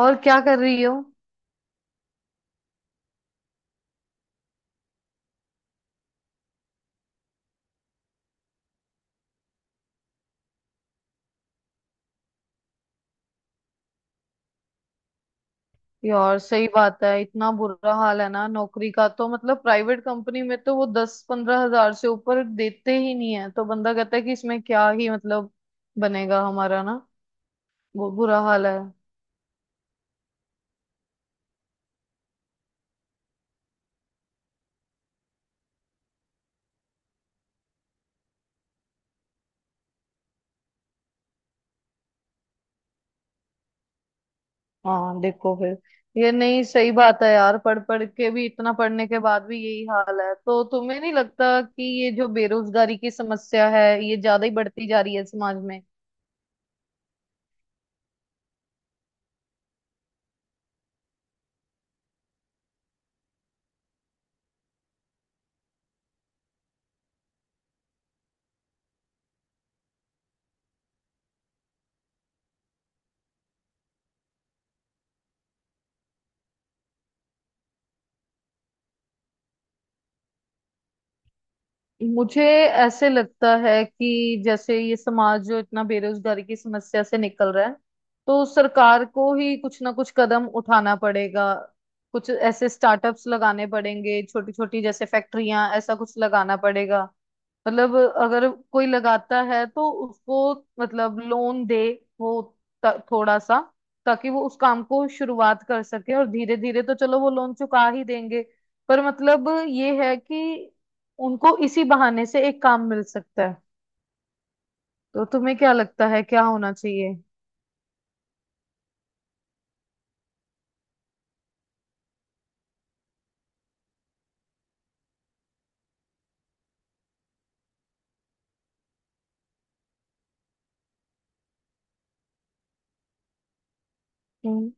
और क्या कर रही हो? यार सही बात है। इतना बुरा हाल है ना नौकरी का तो मतलब प्राइवेट कंपनी में तो वो 10-15 हज़ार से ऊपर देते ही नहीं है तो बंदा कहता है कि इसमें क्या ही मतलब बनेगा हमारा ना। वो बुरा हाल है। हाँ देखो फिर ये नहीं सही बात है यार। पढ़ पढ़ के भी इतना पढ़ने के बाद भी यही हाल है तो तुम्हें नहीं लगता कि ये जो बेरोजगारी की समस्या है ये ज्यादा ही बढ़ती जा रही है समाज में? मुझे ऐसे लगता है कि जैसे ये समाज जो इतना बेरोजगारी की समस्या से निकल रहा है तो सरकार को ही कुछ ना कुछ कदम उठाना पड़ेगा। कुछ ऐसे स्टार्टअप्स लगाने पड़ेंगे छोटी छोटी जैसे फैक्ट्रियां ऐसा कुछ लगाना पड़ेगा। मतलब अगर कोई लगाता है तो उसको मतलब लोन दे वो थोड़ा सा, ताकि वो उस काम को शुरुआत कर सके और धीरे धीरे तो चलो वो लोन चुका ही देंगे। पर मतलब ये है कि उनको इसी बहाने से एक काम मिल सकता है। तो तुम्हें क्या लगता है क्या होना चाहिए? हम्म।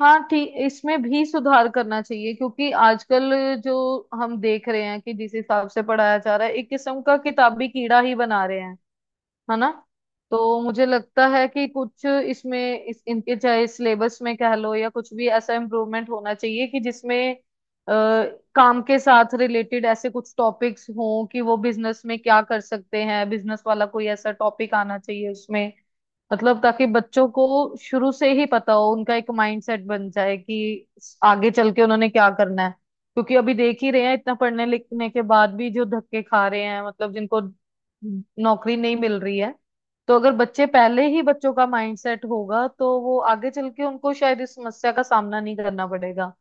हाँ ठीक इसमें भी सुधार करना चाहिए क्योंकि आजकल जो हम देख रहे हैं कि जिस हिसाब से पढ़ाया जा रहा है एक किस्म का किताबी कीड़ा ही बना रहे हैं है ना। तो मुझे लगता है कि कुछ इसमें इस इनके चाहे सिलेबस में कह लो या कुछ भी ऐसा इम्प्रूवमेंट होना चाहिए कि जिसमें अ, काम के साथ रिलेटेड ऐसे कुछ टॉपिक्स हों कि वो बिजनेस में क्या कर सकते हैं। बिजनेस वाला कोई ऐसा टॉपिक आना चाहिए उसमें। मतलब ताकि बच्चों को शुरू से ही पता हो, उनका एक माइंडसेट बन जाए कि आगे चल के उन्होंने क्या करना है। क्योंकि अभी देख ही रहे हैं इतना पढ़ने लिखने के बाद भी जो धक्के खा रहे हैं, मतलब जिनको नौकरी नहीं मिल रही है। तो अगर बच्चे पहले ही बच्चों का माइंडसेट होगा तो वो आगे चल के उनको शायद इस समस्या का सामना नहीं करना पड़ेगा।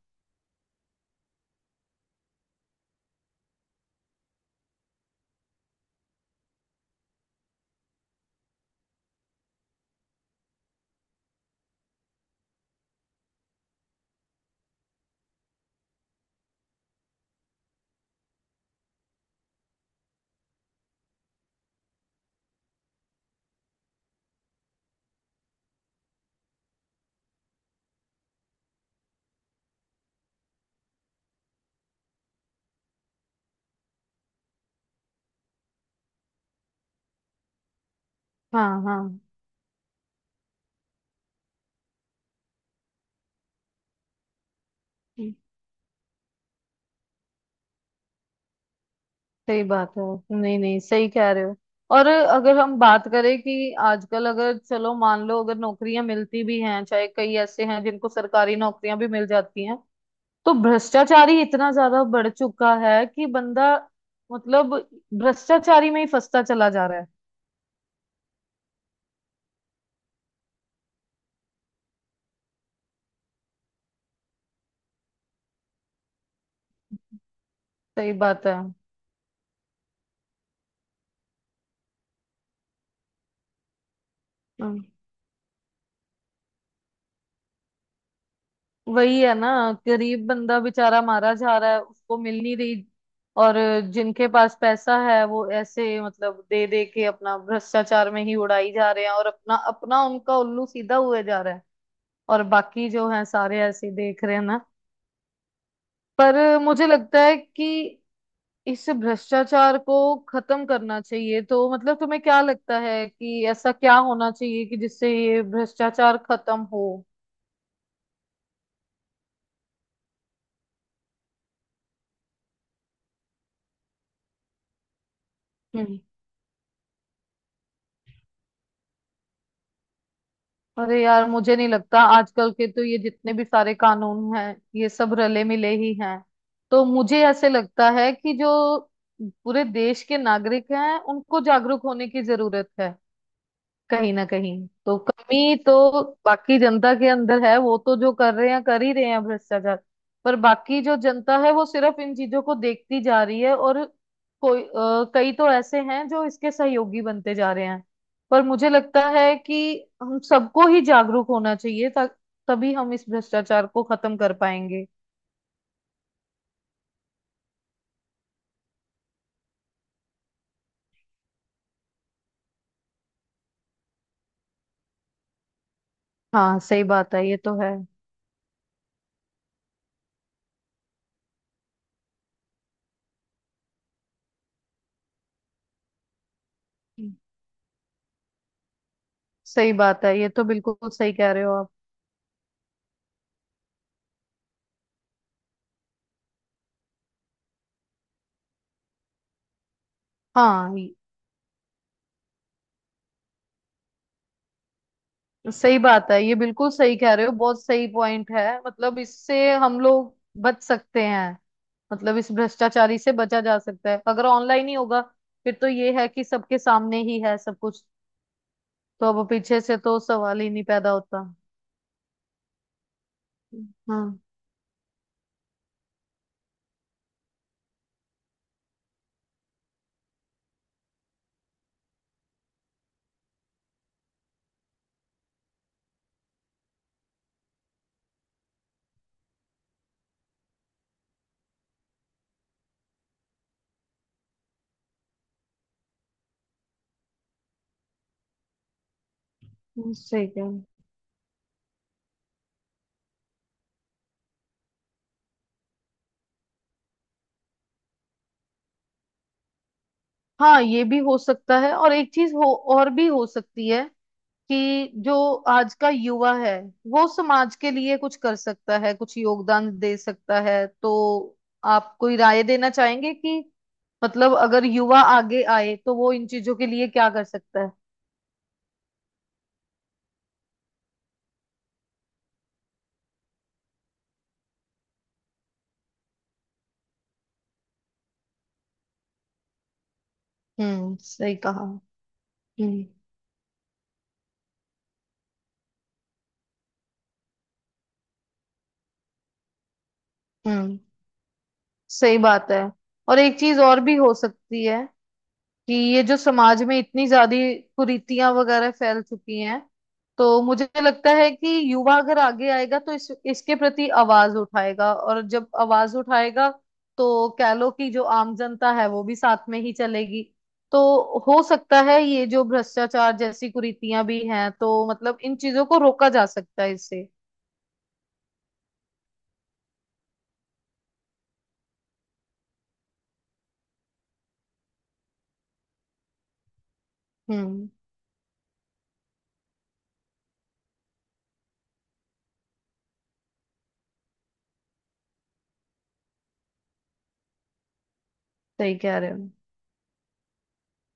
हाँ हाँ। सही बात है। नहीं नहीं, सही कह रहे हो। और अगर हम बात करें कि आजकल अगर चलो मान लो अगर नौकरियां मिलती भी हैं, चाहे कई ऐसे हैं जिनको सरकारी नौकरियां भी मिल जाती हैं, तो भ्रष्टाचारी इतना ज्यादा बढ़ चुका है कि बंदा मतलब भ्रष्टाचारी में ही फंसता चला जा रहा है। सही बात है। वही है ना। गरीब बंदा बेचारा मारा जा रहा है, उसको मिल नहीं रही। और जिनके पास पैसा है वो ऐसे मतलब दे दे के अपना भ्रष्टाचार में ही उड़ाई जा रहे हैं और अपना अपना उनका उल्लू सीधा हुए जा रहा है। और बाकी जो है सारे ऐसे ही देख रहे हैं ना। पर मुझे लगता है कि इस भ्रष्टाचार को खत्म करना चाहिए, तो मतलब तुम्हें क्या लगता है कि ऐसा क्या होना चाहिए कि जिससे ये भ्रष्टाचार खत्म हो? हम्म। अरे यार मुझे नहीं लगता, आजकल के तो ये जितने भी सारे कानून हैं ये सब रले मिले ही हैं। तो मुझे ऐसे लगता है कि जो पूरे देश के नागरिक हैं उनको जागरूक होने की जरूरत है। कहीं ना कहीं तो कमी तो बाकी जनता के अंदर है, वो तो जो कर रहे हैं कर ही रहे हैं भ्रष्टाचार। पर बाकी जो जनता है वो सिर्फ इन चीजों को देखती जा रही है, और कोई कई तो ऐसे हैं जो इसके सहयोगी बनते जा रहे हैं। पर मुझे लगता है कि हम सबको ही जागरूक होना चाहिए, तभी हम इस भ्रष्टाचार को खत्म कर पाएंगे। हाँ सही बात है, ये तो है। सही बात है, ये तो बिल्कुल सही कह रहे हो आप। हाँ सही बात है, ये बिल्कुल सही कह रहे हो। बहुत सही पॉइंट है, मतलब इससे हम लोग बच सकते हैं। मतलब इस भ्रष्टाचारी से बचा जा सकता है, अगर ऑनलाइन ही होगा फिर तो ये है कि सबके सामने ही है सब कुछ। तो अब पीछे से तो सवाल ही नहीं पैदा होता। हाँ सही कह रहे हो। हाँ ये भी हो सकता है, और एक चीज हो और भी हो सकती है कि जो आज का युवा है वो समाज के लिए कुछ कर सकता है, कुछ योगदान दे सकता है। तो आप कोई राय देना चाहेंगे कि मतलब अगर युवा आगे आए तो वो इन चीजों के लिए क्या कर सकता है? सही कहा। हम्म। हम्म सही बात है। और एक चीज और भी हो सकती है कि ये जो समाज में इतनी ज्यादा कुरीतियां वगैरह फैल चुकी हैं, तो मुझे लगता है कि युवा अगर आगे आएगा तो इस इसके प्रति आवाज उठाएगा, और जब आवाज उठाएगा तो कह लो कि जो आम जनता है वो भी साथ में ही चलेगी। तो हो सकता है ये जो भ्रष्टाचार जैसी कुरीतियां भी हैं तो मतलब इन चीजों को रोका जा सकता है इससे। हम्म सही कह रहे हो।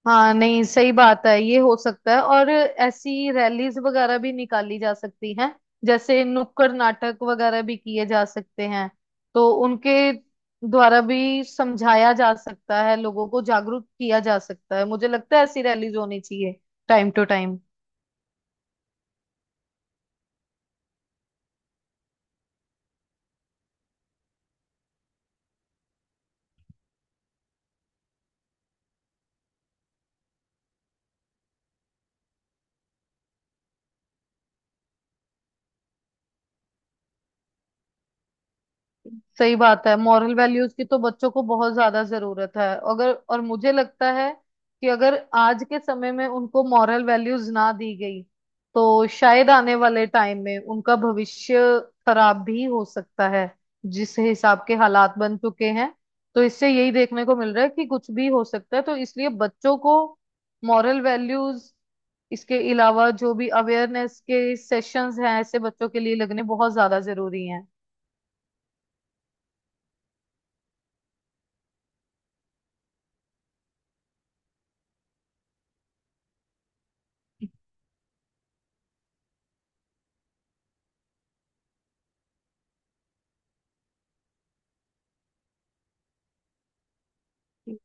हाँ नहीं सही बात है, ये हो सकता है, और ऐसी रैलीज वगैरह भी निकाली जा सकती हैं। जैसे नुक्कड़ नाटक वगैरह भी किए जा सकते हैं। तो उनके द्वारा भी समझाया जा सकता है, लोगों को जागरूक किया जा सकता है। मुझे लगता है ऐसी रैलीज होनी चाहिए टाइम टू टाइम। सही बात है, मॉरल वैल्यूज की तो बच्चों को बहुत ज्यादा जरूरत है अगर। और मुझे लगता है कि अगर आज के समय में उनको मॉरल वैल्यूज ना दी गई तो शायद आने वाले टाइम में उनका भविष्य खराब भी हो सकता है। जिस हिसाब के हालात बन चुके हैं तो इससे यही देखने को मिल रहा है कि कुछ भी हो सकता है, तो इसलिए बच्चों को मॉरल वैल्यूज, इसके अलावा जो भी अवेयरनेस के सेशंस हैं ऐसे बच्चों के लिए लगने बहुत ज्यादा जरूरी हैं।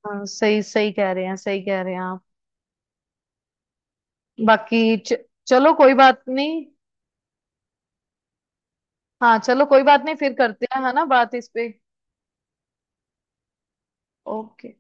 हाँ सही सही कह रहे हैं, सही कह रहे हैं आप। बाकी चलो कोई बात नहीं। हाँ चलो कोई बात नहीं, फिर करते हैं है ना बात इस पे। ओके।